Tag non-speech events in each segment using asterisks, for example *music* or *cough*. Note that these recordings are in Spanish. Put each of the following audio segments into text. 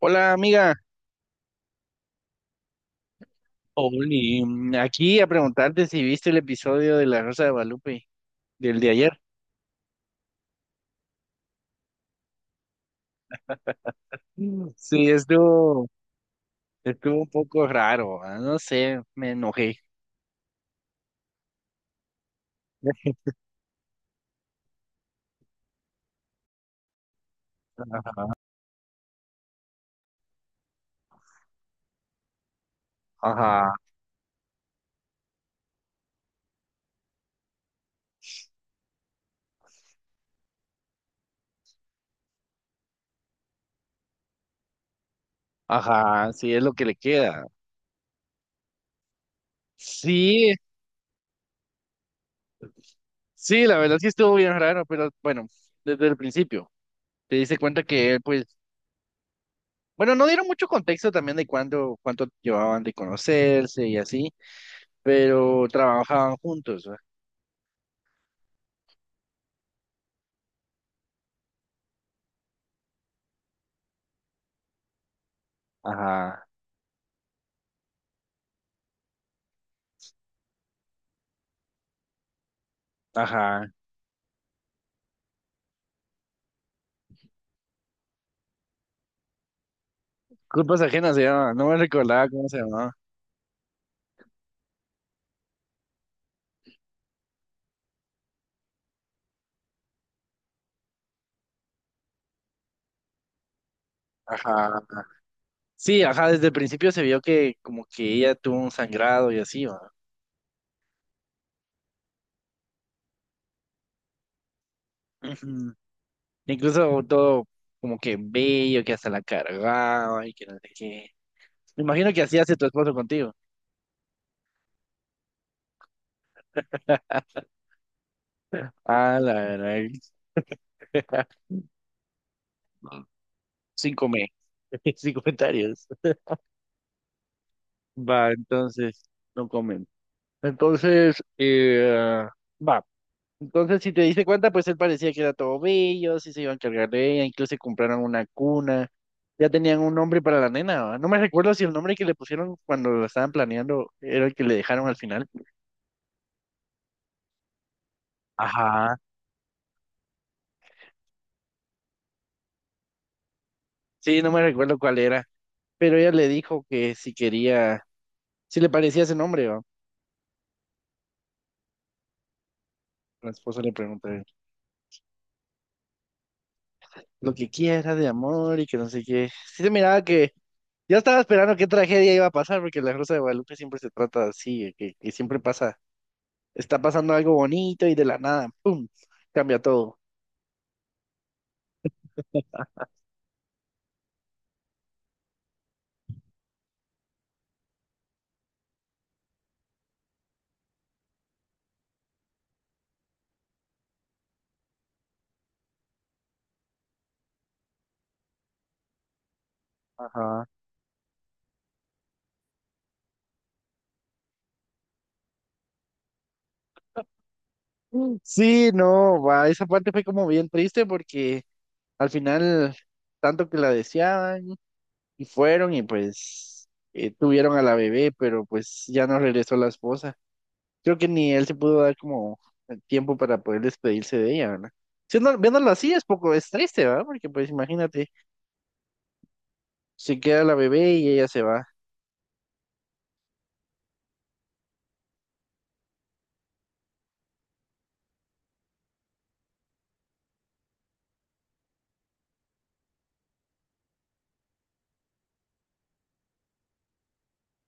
Hola amiga, Oli, aquí a preguntarte si viste el episodio de La Rosa de Guadalupe del de ayer. Mm. Sí, estuvo un poco raro, no sé, me enojé. Ajá, ajá, sí es lo que le queda. Sí, sí, la verdad sí estuvo bien raro, pero bueno, desde el principio te diste cuenta que él, pues, bueno, no dieron mucho contexto también de cuándo, cuánto llevaban de conocerse y así, pero trabajaban juntos, ¿va? Ajá, ajá. Culpas ajenas se llama, no me recordaba cómo se llamaba. Ajá. Sí, ajá, desde el principio se vio que como que ella tuvo un sangrado y así, va. Ujú. Incluso todo como que bello, que hasta la cargaba y que no sé qué. Me imagino que así hace tu esposo contigo. *laughs* Ah, la verdad. *laughs* Sin comer, *laughs* sin comentarios. Va, entonces, no comen. Entonces, va. Entonces, si te diste cuenta, pues él parecía que era todo bello, sí se iba a encargar de ella, incluso compraron una cuna, ya tenían un nombre para la nena, ¿va? No me recuerdo si el nombre que le pusieron cuando lo estaban planeando era el que le dejaron al final. Ajá. Sí, no me recuerdo cuál era, pero ella le dijo que si quería, si le parecía ese nombre, ¿va? La esposa le preguntó lo que quiera de amor y que no sé qué. Sí se miraba que yo estaba esperando qué tragedia iba a pasar, porque la Rosa de Guadalupe siempre se trata así, que siempre pasa. Está pasando algo bonito y de la nada, ¡pum! Cambia todo. Ajá. Mm. Sí, no, va, esa parte fue como bien triste porque al final, tanto que la deseaban y fueron y pues tuvieron a la bebé, pero pues ya no regresó la esposa. Creo que ni él se pudo dar como el tiempo para poder despedirse de ella, ¿verdad? Siendo, viéndolo así es poco, es triste, ¿verdad? Porque pues imagínate, se queda la bebé y ella se va.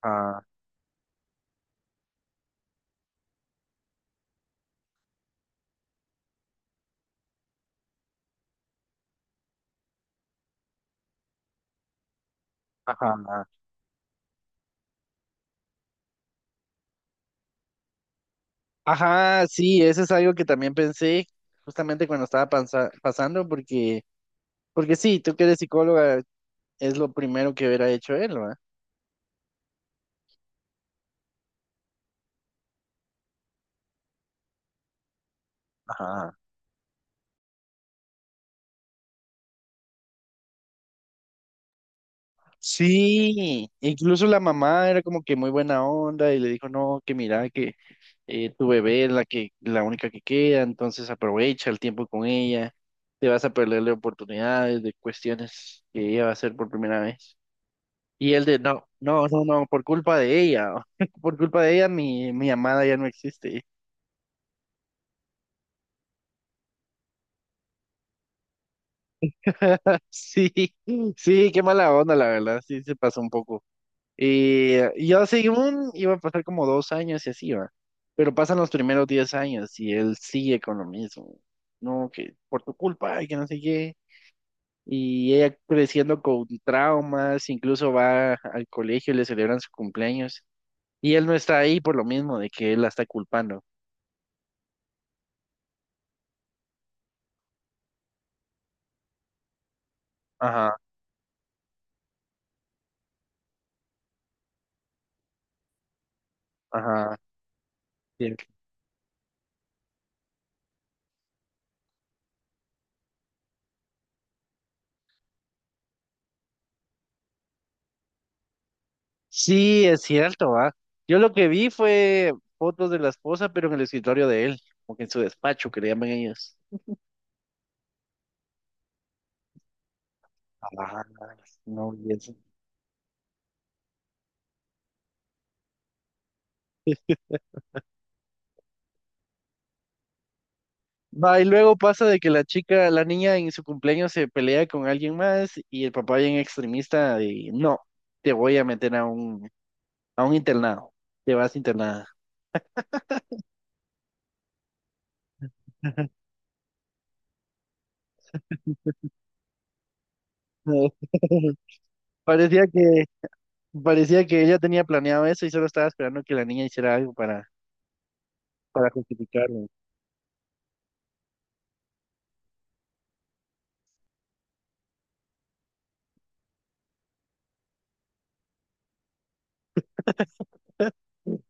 Ah, ajá. Ajá, sí, eso es algo que también pensé justamente cuando estaba pasando, porque, porque sí, tú que eres psicóloga, es lo primero que hubiera hecho él, ¿verdad? Ajá. Sí, incluso la mamá era como que muy buena onda y le dijo, no, que mira, que tu bebé es la única que queda, entonces aprovecha el tiempo con ella, te vas a perderle oportunidades de cuestiones que ella va a hacer por primera vez. Y él de, no, no, no, no, por culpa de ella, *laughs* por culpa de ella mi amada ya no existe. *laughs* Sí, sí, qué mala onda, la verdad, sí se pasó un poco. Y yo según iba a pasar como 2 años y así va, pero pasan los primeros 10 años y él sigue con lo mismo. No, que por tu culpa, y que no sé qué. Y ella creciendo con traumas, incluso va al colegio y le celebran su cumpleaños. Y él no está ahí por lo mismo de que él la está culpando. Ajá, ajá. Cierto. Sí, es cierto, va. Yo lo que vi fue fotos de la esposa, pero en el escritorio de él, como que en su despacho, que le llaman ellos. Ah, no, y eso. Va, y luego pasa de que la chica, la niña en su cumpleaños se pelea con alguien más y el papá bien extremista y no, te voy a meter a a un internado, te vas internada. *laughs* Parecía que, parecía que ella tenía planeado eso y solo estaba esperando que la niña hiciera algo para justificarlo.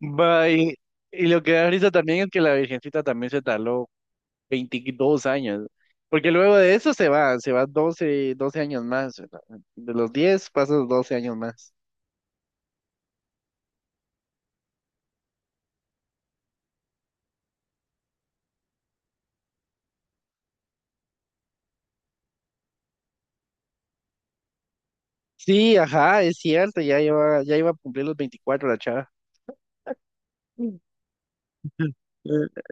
Va, y lo que da risa también es que la Virgencita también se tardó 22 años, porque luego de eso se va doce años más, ¿verdad? De los 10 pasas 12 años más. Sí, ajá, es cierto, ya iba a cumplir los 24 la chava.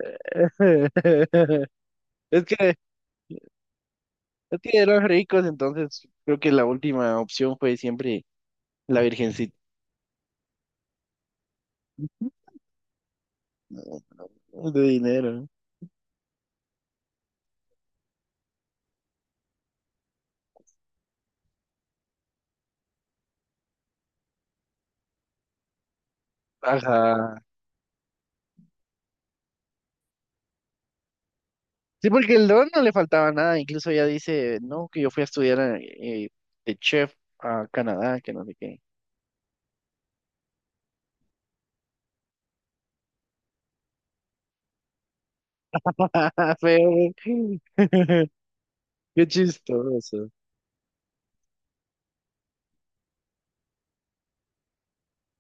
*laughs* Es que, es que eran ricos, entonces creo que la última opción fue siempre la Virgencita de dinero. ¿No? Ajá. Sí, porque el don no le faltaba nada, incluso ya dice, no, que yo fui a estudiar de chef a Canadá, que no sé qué. *laughs* Feo, güey. *laughs* Qué chistoso.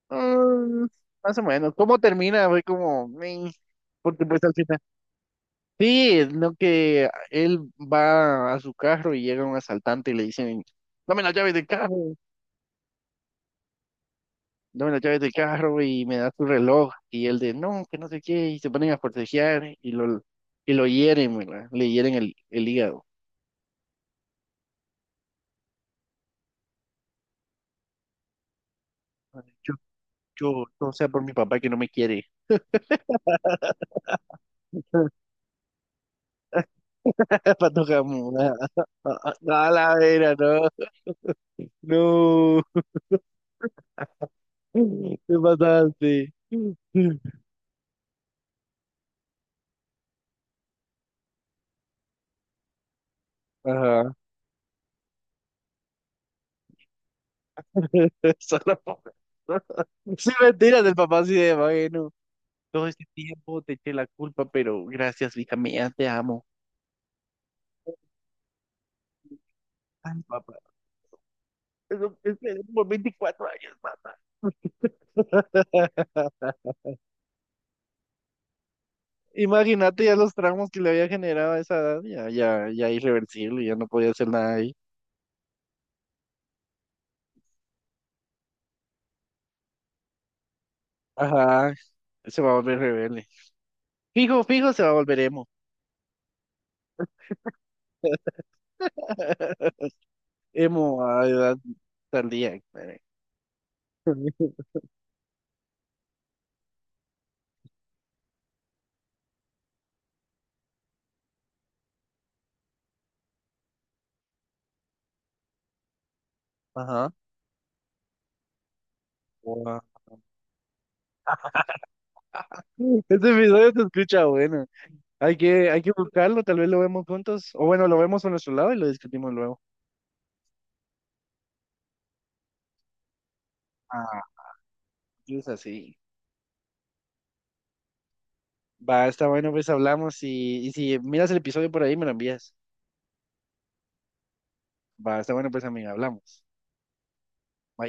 Mm, más o menos. ¿Cómo termina? Fue como, "Meh", porque pues al final. Sí, no que él va a su carro y llega un asaltante y le dicen, dame las llaves del carro. Dame las llaves del carro y me da tu reloj. Y él de, no, que no sé qué, y se ponen a forcejear y lo hieren, ¿verdad? Le hieren el hígado. Yo, yo, no sea por mi papá que no me quiere. *laughs* Pato Jamón. *laughs* A la vera, no. No. Te mataste. Ajá. *laughs* Solo por- *laughs* Sí, mentira del papá así de bueno. Todo este tiempo te eché la culpa, pero gracias, hija mía, te amo. Ay, papá. Eso, es que por 24 años, más. *laughs* Imagínate ya los traumas que le había generado a esa edad, ya, ya, ya irreversible, ya no podía hacer nada ahí. Ajá, se va a volver rebelde. Fijo, fijo, se va a volver emo. *laughs* Emo a edad tardía. Espere. *laughs* Ajá. Wow. Este episodio se escucha bueno. Hay que buscarlo, tal vez lo vemos juntos. O bueno, lo vemos a nuestro lado y lo discutimos luego. Ah, es así. Va, está bueno, pues hablamos y si miras el episodio por ahí, me lo envías. Va, está bueno, pues, amiga, hablamos. Bye.